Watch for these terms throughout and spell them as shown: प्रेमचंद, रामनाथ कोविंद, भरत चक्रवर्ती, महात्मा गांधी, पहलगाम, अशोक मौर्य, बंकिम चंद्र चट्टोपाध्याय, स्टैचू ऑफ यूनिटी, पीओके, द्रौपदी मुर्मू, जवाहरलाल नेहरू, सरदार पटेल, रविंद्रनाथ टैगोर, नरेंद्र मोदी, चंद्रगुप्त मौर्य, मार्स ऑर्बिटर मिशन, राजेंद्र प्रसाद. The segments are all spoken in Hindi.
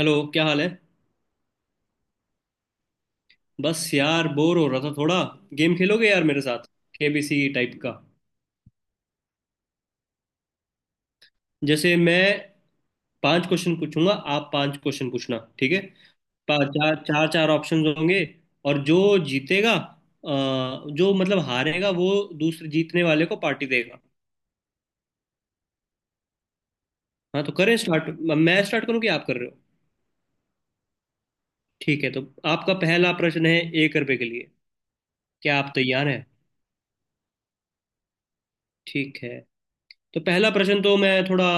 हेलो, क्या हाल है। बस यार बोर हो रहा था थोड़ा। गेम खेलोगे यार मेरे साथ? केबीसी टाइप का। जैसे मैं पांच क्वेश्चन पूछूंगा, आप पांच क्वेश्चन पूछना, ठीक है। पा- चार चार चार ऑप्शंस होंगे और जो जीतेगा जो मतलब हारेगा वो दूसरे जीतने वाले को पार्टी देगा। हाँ तो करें स्टार्ट। मैं स्टार्ट करूँ कि आप कर रहे हो? ठीक है तो आपका पहला प्रश्न है, 1 रुपए के लिए। क्या आप तैयार हैं? ठीक है तो पहला प्रश्न तो मैं थोड़ा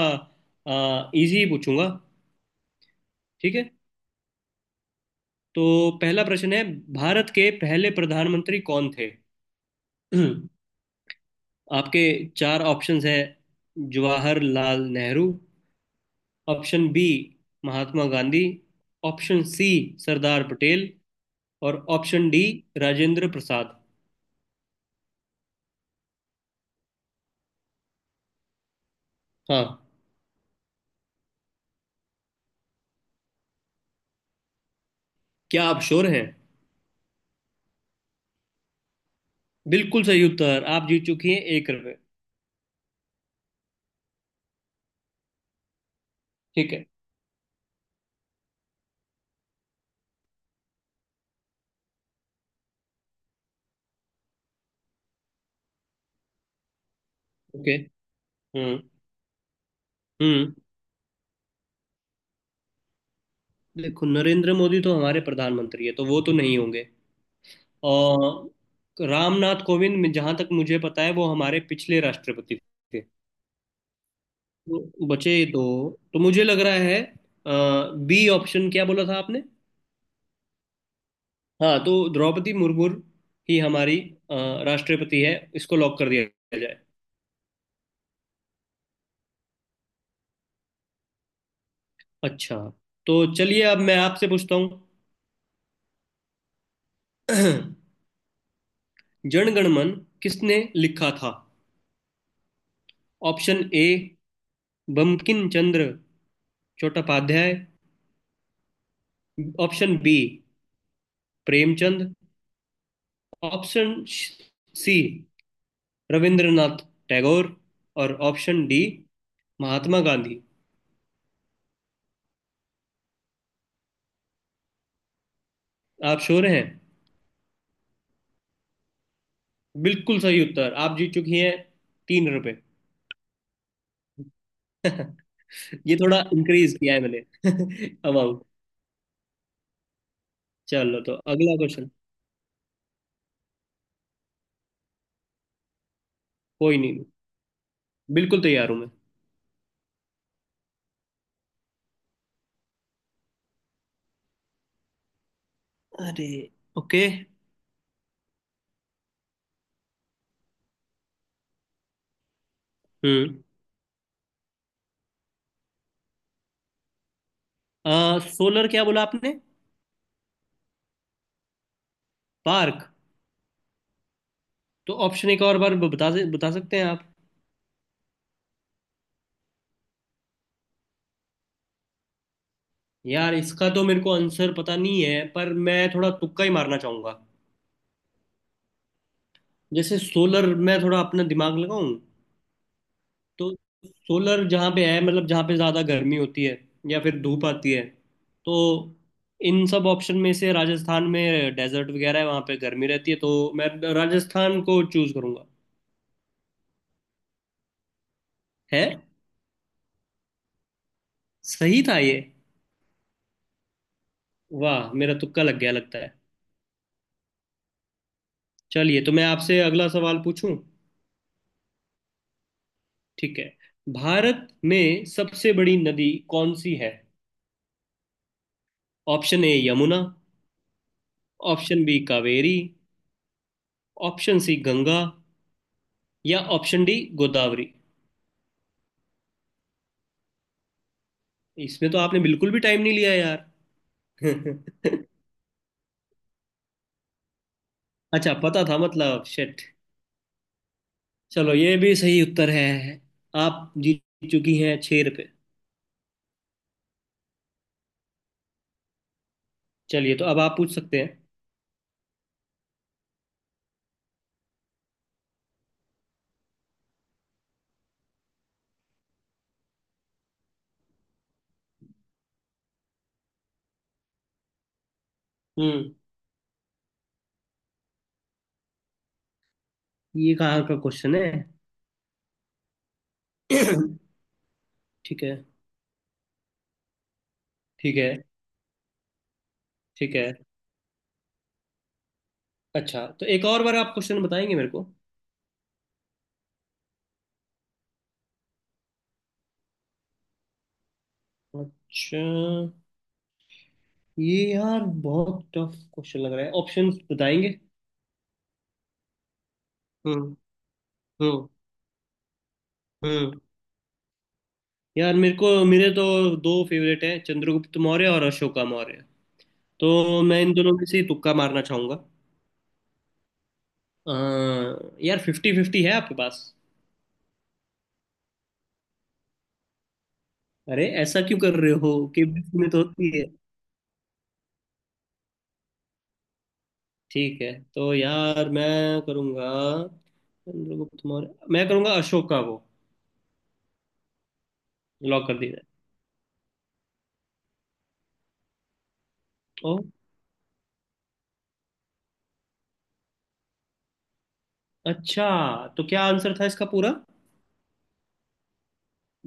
इजी पूछूंगा। ठीक है। तो पहला प्रश्न है, भारत के पहले प्रधानमंत्री कौन थे? आपके चार ऑप्शंस है। जवाहरलाल नेहरू। Option B, महात्मा गांधी। Option C, सरदार पटेल। और ऑप्शन डी, राजेंद्र प्रसाद। हाँ। क्या आप श्योर हैं? बिल्कुल सही उत्तर। आप जीत चुकी हैं 1 रुपये। ठीक है। ओके। हम्म। हम्म। देखो, नरेंद्र मोदी तो हमारे प्रधानमंत्री है तो वो तो नहीं होंगे। और रामनाथ कोविंद जहां तक मुझे पता है वो हमारे पिछले राष्ट्रपति थे। तो बचे दो। तो मुझे लग रहा है बी ऑप्शन। क्या बोला था आपने? हाँ तो द्रौपदी मुर्मू ही हमारी अ, राष्ट्रपति है। इसको लॉक कर दिया जाए। अच्छा। तो चलिए अब मैं आपसे पूछता हूँ। जनगण मन किसने लिखा था? Option A, बंकिम चंद्र चट्टोपाध्याय। Option B, प्रेमचंद। Option C, रविंद्रनाथ टैगोर। और ऑप्शन डी, महात्मा गांधी। आप श्योर हैं? बिल्कुल सही उत्तर। आप जीत चुकी हैं 3 रुपए। ये थोड़ा इंक्रीज किया है मैंने। अमाउंट। चलो तो अगला क्वेश्चन। कोई नहीं, बिल्कुल तैयार हूं मैं। अरे, ओके। हम्म। सोलर क्या बोला आपने? पार्क। तो ऑप्शन एक और बार बता बता सकते हैं आप? यार इसका तो मेरे को आंसर पता नहीं है पर मैं थोड़ा तुक्का ही मारना चाहूंगा। जैसे सोलर मैं थोड़ा अपना दिमाग लगाऊं। तो सोलर जहाँ पे है मतलब जहाँ पे ज़्यादा गर्मी होती है या फिर धूप आती है। तो इन सब ऑप्शन में से राजस्थान में डेजर्ट वगैरह है, वहाँ पे गर्मी रहती है तो मैं राजस्थान को चूज करूँगा। है? सही था ये? वाह, मेरा तुक्का लग गया लगता है। चलिए तो मैं आपसे अगला सवाल पूछूं। ठीक है। भारत में सबसे बड़ी नदी कौन सी है? Option A, Yamuna. Option B, Kaveri. Option C, Ganga. या ऑप्शन डी, गोदावरी। इसमें तो आपने बिल्कुल भी टाइम नहीं लिया यार। अच्छा पता था, मतलब शिट। चलो ये भी सही उत्तर है। आप जीत चुकी हैं 6 रुपये। चलिए तो अब आप पूछ सकते हैं। हम्म। ये कहाँ का क्वेश्चन है? ठीक है। ठीक है। ठीक है। अच्छा तो एक और बार आप क्वेश्चन बताएंगे मेरे को? अच्छा। ये यार बहुत टफ क्वेश्चन लग रहा है। ऑप्शंस बताएंगे? हम्म। हम्म। हम्म। यार मेरे तो दो फेवरेट हैं, चंद्रगुप्त मौर्य और अशोका मौर्य। तो मैं इन दोनों में से ही तुक्का मारना चाहूंगा। यार, फिफ्टी फिफ्टी है आपके पास? अरे ऐसा क्यों कर रहे हो? केबीसी में तो होती है। ठीक है, तो यार मैं करूंगा। चंद्रगुप्त मौर्य मैं करूंगा, अशोक का वो। लॉक कर दिया जाए। ओ, अच्छा। तो क्या आंसर था इसका पूरा?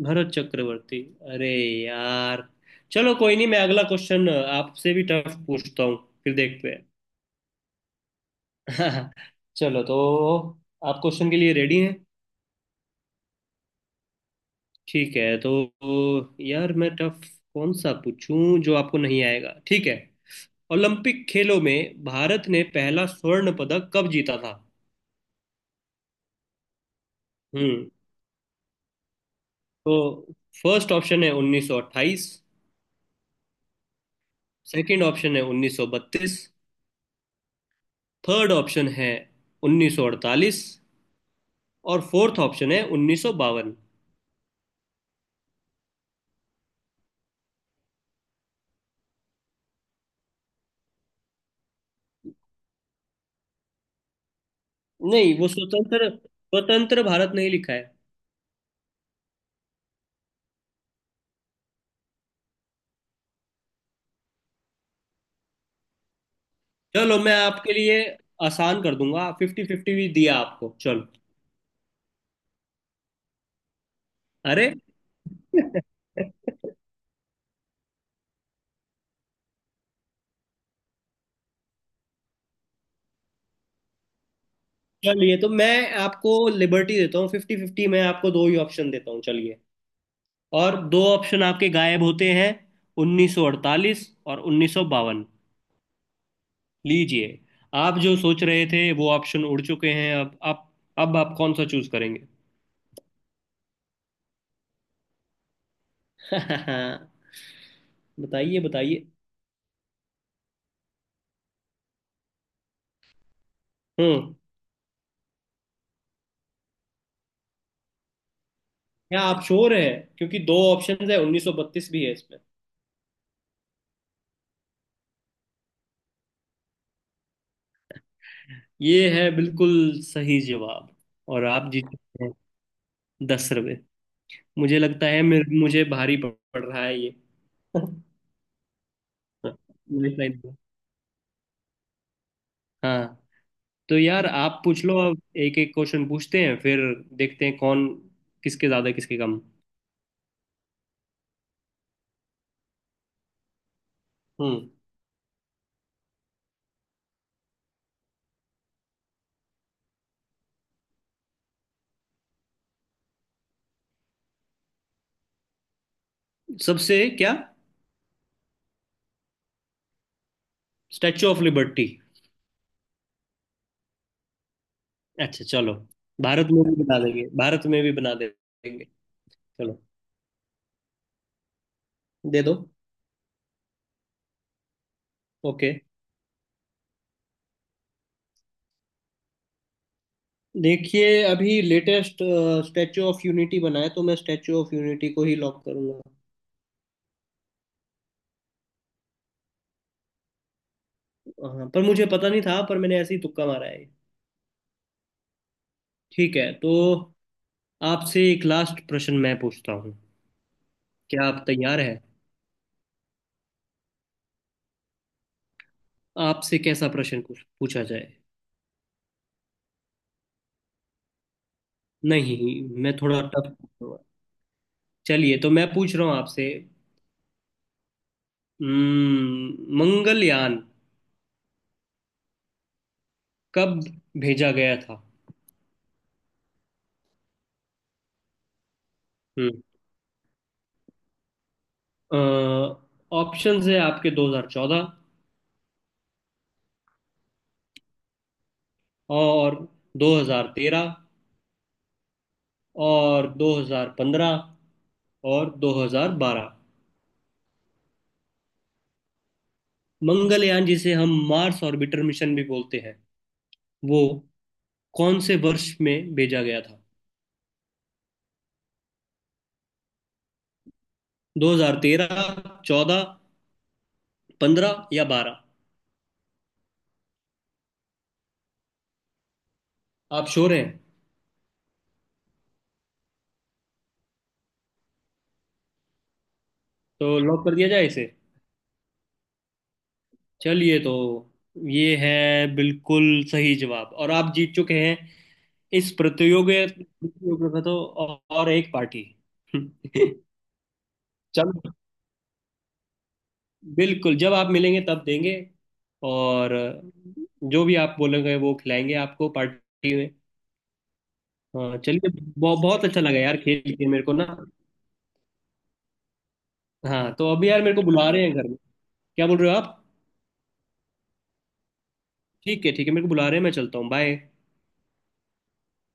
भरत चक्रवर्ती। अरे यार, चलो कोई नहीं, मैं अगला क्वेश्चन आपसे भी टफ पूछता हूँ। फिर देखते हैं। चलो तो, आप क्वेश्चन के लिए रेडी हैं? ठीक है, तो यार मैं टफ कौन सा पूछूं जो आपको नहीं आएगा। ठीक है। ओलंपिक खेलों में भारत ने पहला स्वर्ण पदक कब जीता था? हम्म। तो फर्स्ट ऑप्शन है 1928। सेकंड ऑप्शन है 1932। थर्ड ऑप्शन है 1948। और फोर्थ ऑप्शन है 1952। नहीं, वो स्वतंत्र स्वतंत्र भारत नहीं लिखा है। चलो मैं आपके लिए आसान कर दूंगा, फिफ्टी फिफ्टी भी दिया आपको। चलो। अरे। चलिए तो मैं आपको लिबर्टी देता हूँ, फिफ्टी फिफ्टी मैं आपको दो ही ऑप्शन देता हूँ। चलिए, और दो ऑप्शन आपके गायब होते हैं। 1948 और 1952। लीजिए, आप जो सोच रहे थे वो ऑप्शन उड़ चुके हैं। अब आप, अब आप कौन सा चूज करेंगे? बताइए बताइए। हम्म। क्या आप श्योर है? क्योंकि दो ऑप्शन है, 1932 भी है इसमें। ये है बिल्कुल सही जवाब, और आप जीते हैं 10 रुपए। मुझे लगता है, मेरे मुझे भारी पड़ पड़ रहा है ये। लाइफ। हाँ, तो यार आप पूछ लो, अब एक एक क्वेश्चन पूछते हैं फिर देखते हैं कौन, किसके ज्यादा किसके कम। हम्म। सबसे क्या? Statue of liberty. अच्छा चलो, भारत में भी बना देंगे, भारत में भी देंगे। चलो दे दो। ओके। देखिए, अभी लेटेस्ट स्टैचू ऑफ यूनिटी बना है तो मैं स्टैचू ऑफ यूनिटी को ही लॉक करूंगा। हाँ, पर मुझे पता नहीं था, पर मैंने ऐसे ही तुक्का मारा है। ठीक है, तो आपसे एक लास्ट प्रश्न मैं पूछता हूँ। क्या आप तैयार हैं? आपसे कैसा प्रश्न कुछ पूछा जाए? नहीं, मैं थोड़ा टफ पूछूंगा। चलिए तो मैं पूछ रहा हूँ आपसे। मंगलयान कब भेजा गया था? हम्म। ऑप्शंस है आपके, 2014, और 2013, और 2015, और 2012। मंगलयान, जिसे हम मार्स ऑर्बिटर मिशन भी बोलते हैं, वो कौन से वर्ष में भेजा गया था? 2013, 14, 15 या 12? आप श्योर हैं? तो लॉक कर दिया जाए इसे। चलिए, तो ये है बिल्कुल सही जवाब, और आप जीत चुके हैं इस प्रतियोगिता प्रतियोगिता तो, और एक पार्टी। चलो, बिल्कुल जब आप मिलेंगे तब देंगे। और जो भी आप बोलेंगे वो खिलाएंगे आपको पार्टी में। हाँ चलिए। बहुत अच्छा लगा यार खेल के मेरे को ना। हाँ, तो अभी यार मेरे को बुला रहे हैं घर में। क्या बोल रहे हो आप? ठीक है, ठीक है, मेरे को बुला रहे हैं, मैं चलता हूँ, बाय।